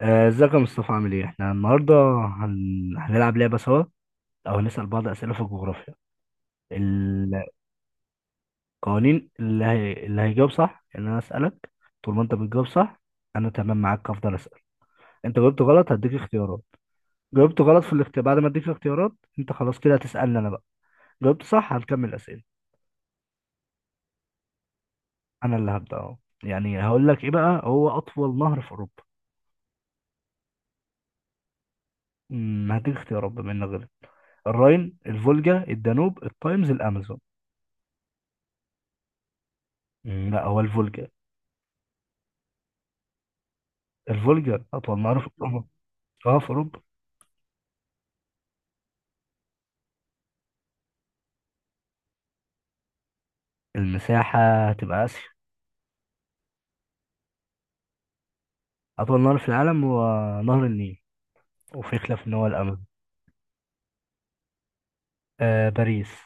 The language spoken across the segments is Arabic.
آه، ازيك يا مصطفى عامل ايه؟ احنا النهارده هنلعب لعبة سوا. او هنسأل بعض اسئلة في الجغرافيا. القوانين اللي هيجاوب صح ان انا اسألك. طول ما انت بتجاوب صح انا تمام معاك، هفضل اسأل. انت جاوبت غلط، هديك اختيارات. جاوبت غلط في الاختيار بعد ما اديك اختيارات. انت خلاص كده هتسألني انا بقى. جاوبت صح، هنكمل اسئلة. انا اللي هبدأ اهو. يعني هقول لك ايه بقى؟ هو اطول نهر في اوروبا؟ هديك اختيارات بما انك غلط. الراين، الفولجا، الدانوب، التايمز، الامازون. لا، هو الفولجا. الفولجر أطول نهر في أوروبا. أه، في أوروبا. المساحة؟ هتبقى آسيا. أطول نهر في العالم هو نهر النيل، وفي خلاف إن هو الأمازون. آه، باريس.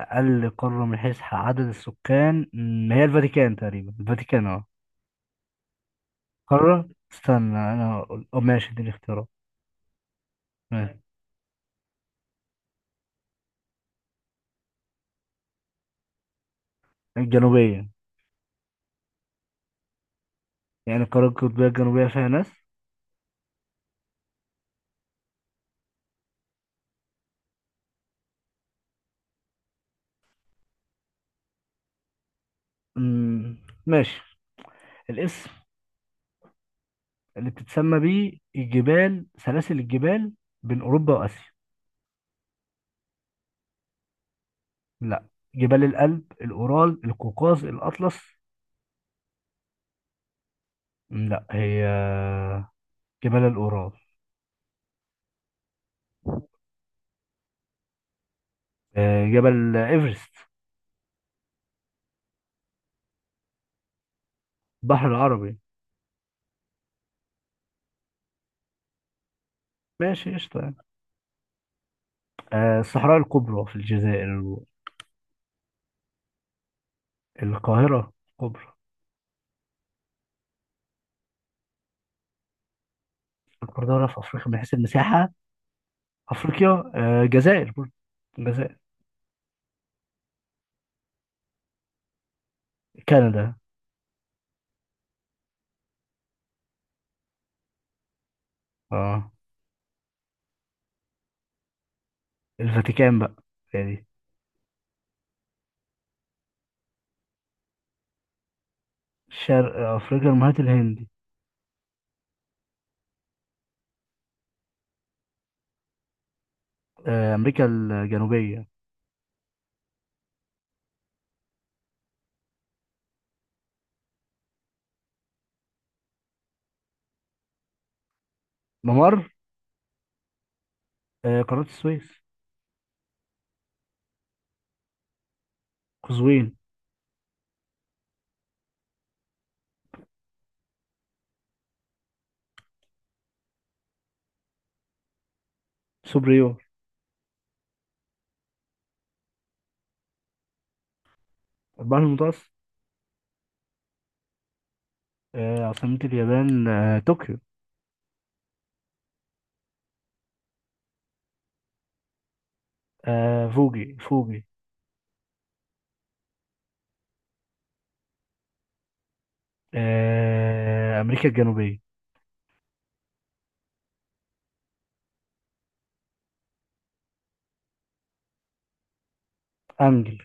أقل قارة من حيث عدد السكان؟ هي الفاتيكان تقريبا، الفاتيكان، أه. قارة؟ استنى أنا أقول، أه ماشي، اديني اختيارات. ماشي. الجنوبية. يعني القارة القطبية الجنوبية فيها ناس. م، ماشي. الاسم اللي بتتسمى بيه الجبال، سلاسل الجبال بين أوروبا وآسيا. لا. جبال الألب، الأورال، القوقاز، الأطلس. لا، هي جبال الأورال. آه، جبل إيفرست. بحر العربي. ماشي، قشطة يعني. آه، الصحراء الكبرى في الجزائر. القاهرة. الكبرى. القاهرة في أفريقيا من حيث المساحة؟ أفريقيا. آه، الجزائر، برضه الجزائر. كندا. اه. الفاتيكان بقى، يعني. شرق أفريقيا، المحيط الهندي. آه، أمريكا الجنوبية. ممر. آه، قناة السويس. قزوين. سوبريور. البحر المتوسط. آه، عاصمة اليابان، آه، طوكيو. آه، فوجي فوجي. آه، أمريكا الجنوبية. أنجل.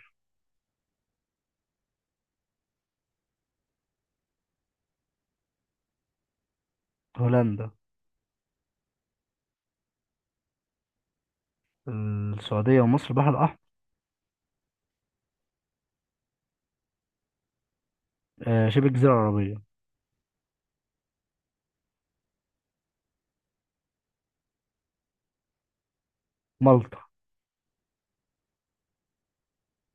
هولندا. السعودية ومصر، البحر الأحمر. آه، شبه الجزيرة العربية. مالطا.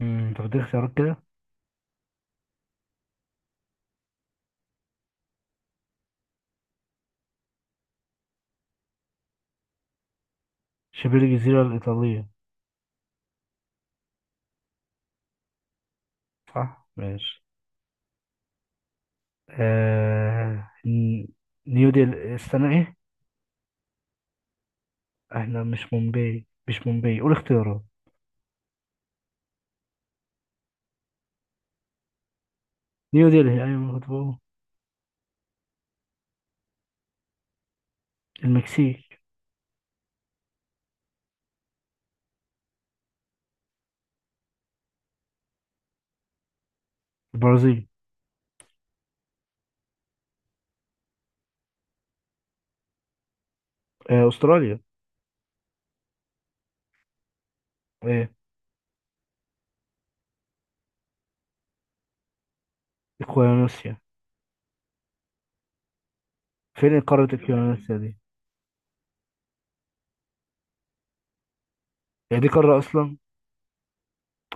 طب دي اختيارات كده. شبه الجزيرة الإيطالية. صح ماشي. آه، نيو ديلي. استنى، إيه؟ إحنا مش مومباي، مش مومباي، قول اختيارات. نيو ديلي، أيوة، ما كنت بقول. المكسيك. البرازيل. آه، أستراليا. إيه. إكوادوريا. فين قارة إكوادوريا دي؟ هي دي قارة أصلا؟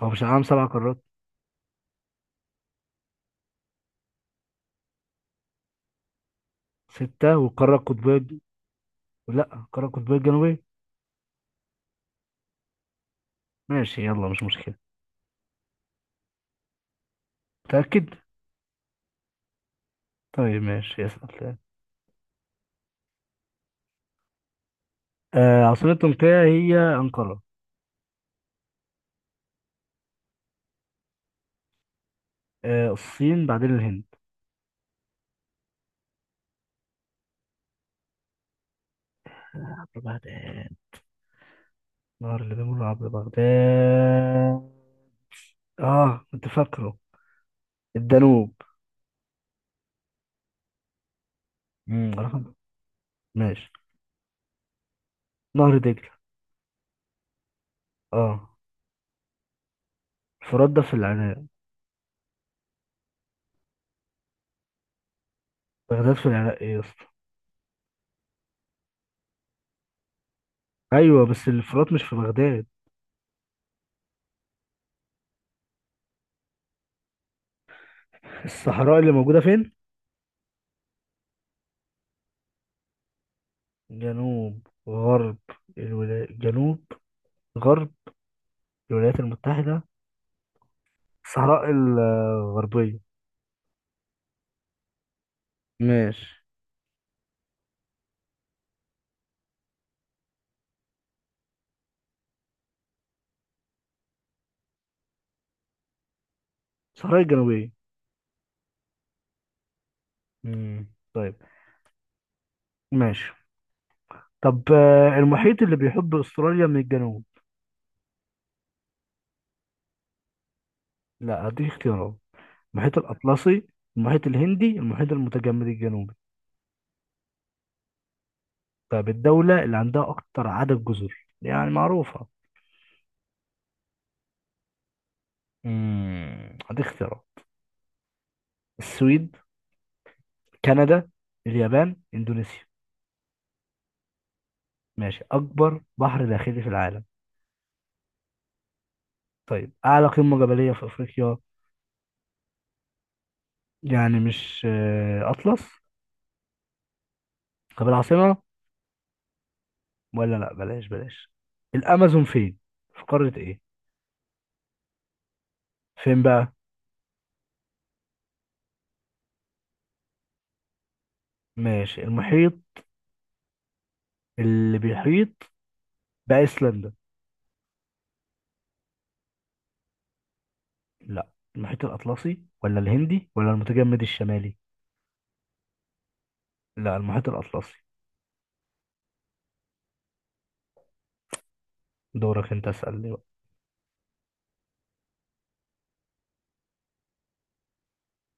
هو مش العالم سبع قارات؟ ستة والقارة القطبية لا، القارة القطبية الجنوبية. ماشي، يلا، مش مشكلة. متأكد؟ طيب، ماشي، اسأل. آه، عاصمة تركيا هي أنقرة. آه، الصين بعدين الهند. عبر بغداد؟ نهر اللي بيمر عبر بغداد. اه، كنت فاكره. الدانوب. رقم. ماشي. نهر دجلة. اه. الفرات ده في العراق. بغداد في العراق، ايه يا اسطى؟ ايوه، بس الفرات مش في بغداد. الصحراء اللي موجودة فين؟ جنوب غرب الولايات، جنوب غرب الولايات المتحدة. الصحراء الغربية. ماشي. الصحراء الجنوبية. مم. طيب. ماشي. طب المحيط اللي بيحب استراليا من الجنوب. لا، هديك اختيارات. المحيط الأطلسي، المحيط الهندي، المحيط المتجمد الجنوبي. طيب، الدولة اللي عندها أكتر عدد جزر يعني معروفة. مم. هديك اختيارات. السويد، كندا، اليابان، إندونيسيا. ماشي، أكبر بحر داخلي في العالم. طيب، أعلى قمة جبلية في أفريقيا. يعني مش أطلس. طب العاصمة، ولا لأ، بلاش بلاش. الأمازون فين؟ في قارة إيه؟ فين بقى؟ ماشي، المحيط اللي بيحيط بأيسلندا. لأ. المحيط الأطلسي ولا الهندي ولا المتجمد الشمالي؟ لأ، المحيط الأطلسي. دورك أنت، اسألني بقى.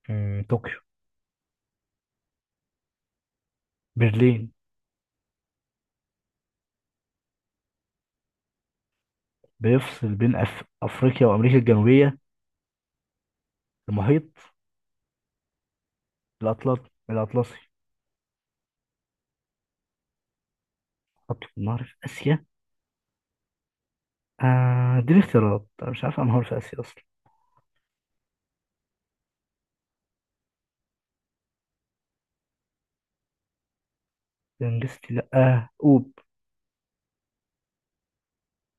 طوكيو. برلين. بيفصل بين أفريقيا وأمريكا الجنوبية. المحيط الأطلنطي، الأطلسي. حط النهر في آسيا؟ آه، دي الاختيارات، أنا مش عارف أنهار في آسيا أصلا. لانجستي، لأ، آه، أوب.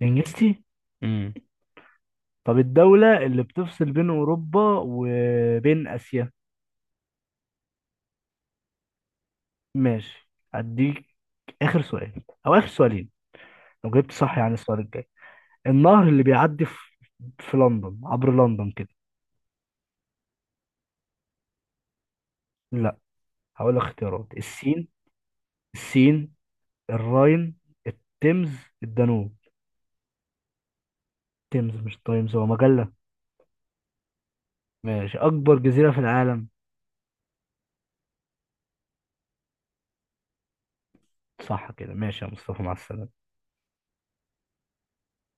لانجستي. امم. طب الدولة اللي بتفصل بين أوروبا وبين آسيا. ماشي، أديك آخر سؤال أو آخر سؤالين. لو جبت صح، يعني السؤال الجاي. النهر اللي بيعدي في لندن، عبر لندن كده. لا. هقول لك اختيارات. السين. السين، الراين، التيمز، الدانوب. التيمز مش التايمز، هو مجلة. ماشي، أكبر جزيرة في العالم. صح كده، ماشي يا مصطفى، مع السلامة.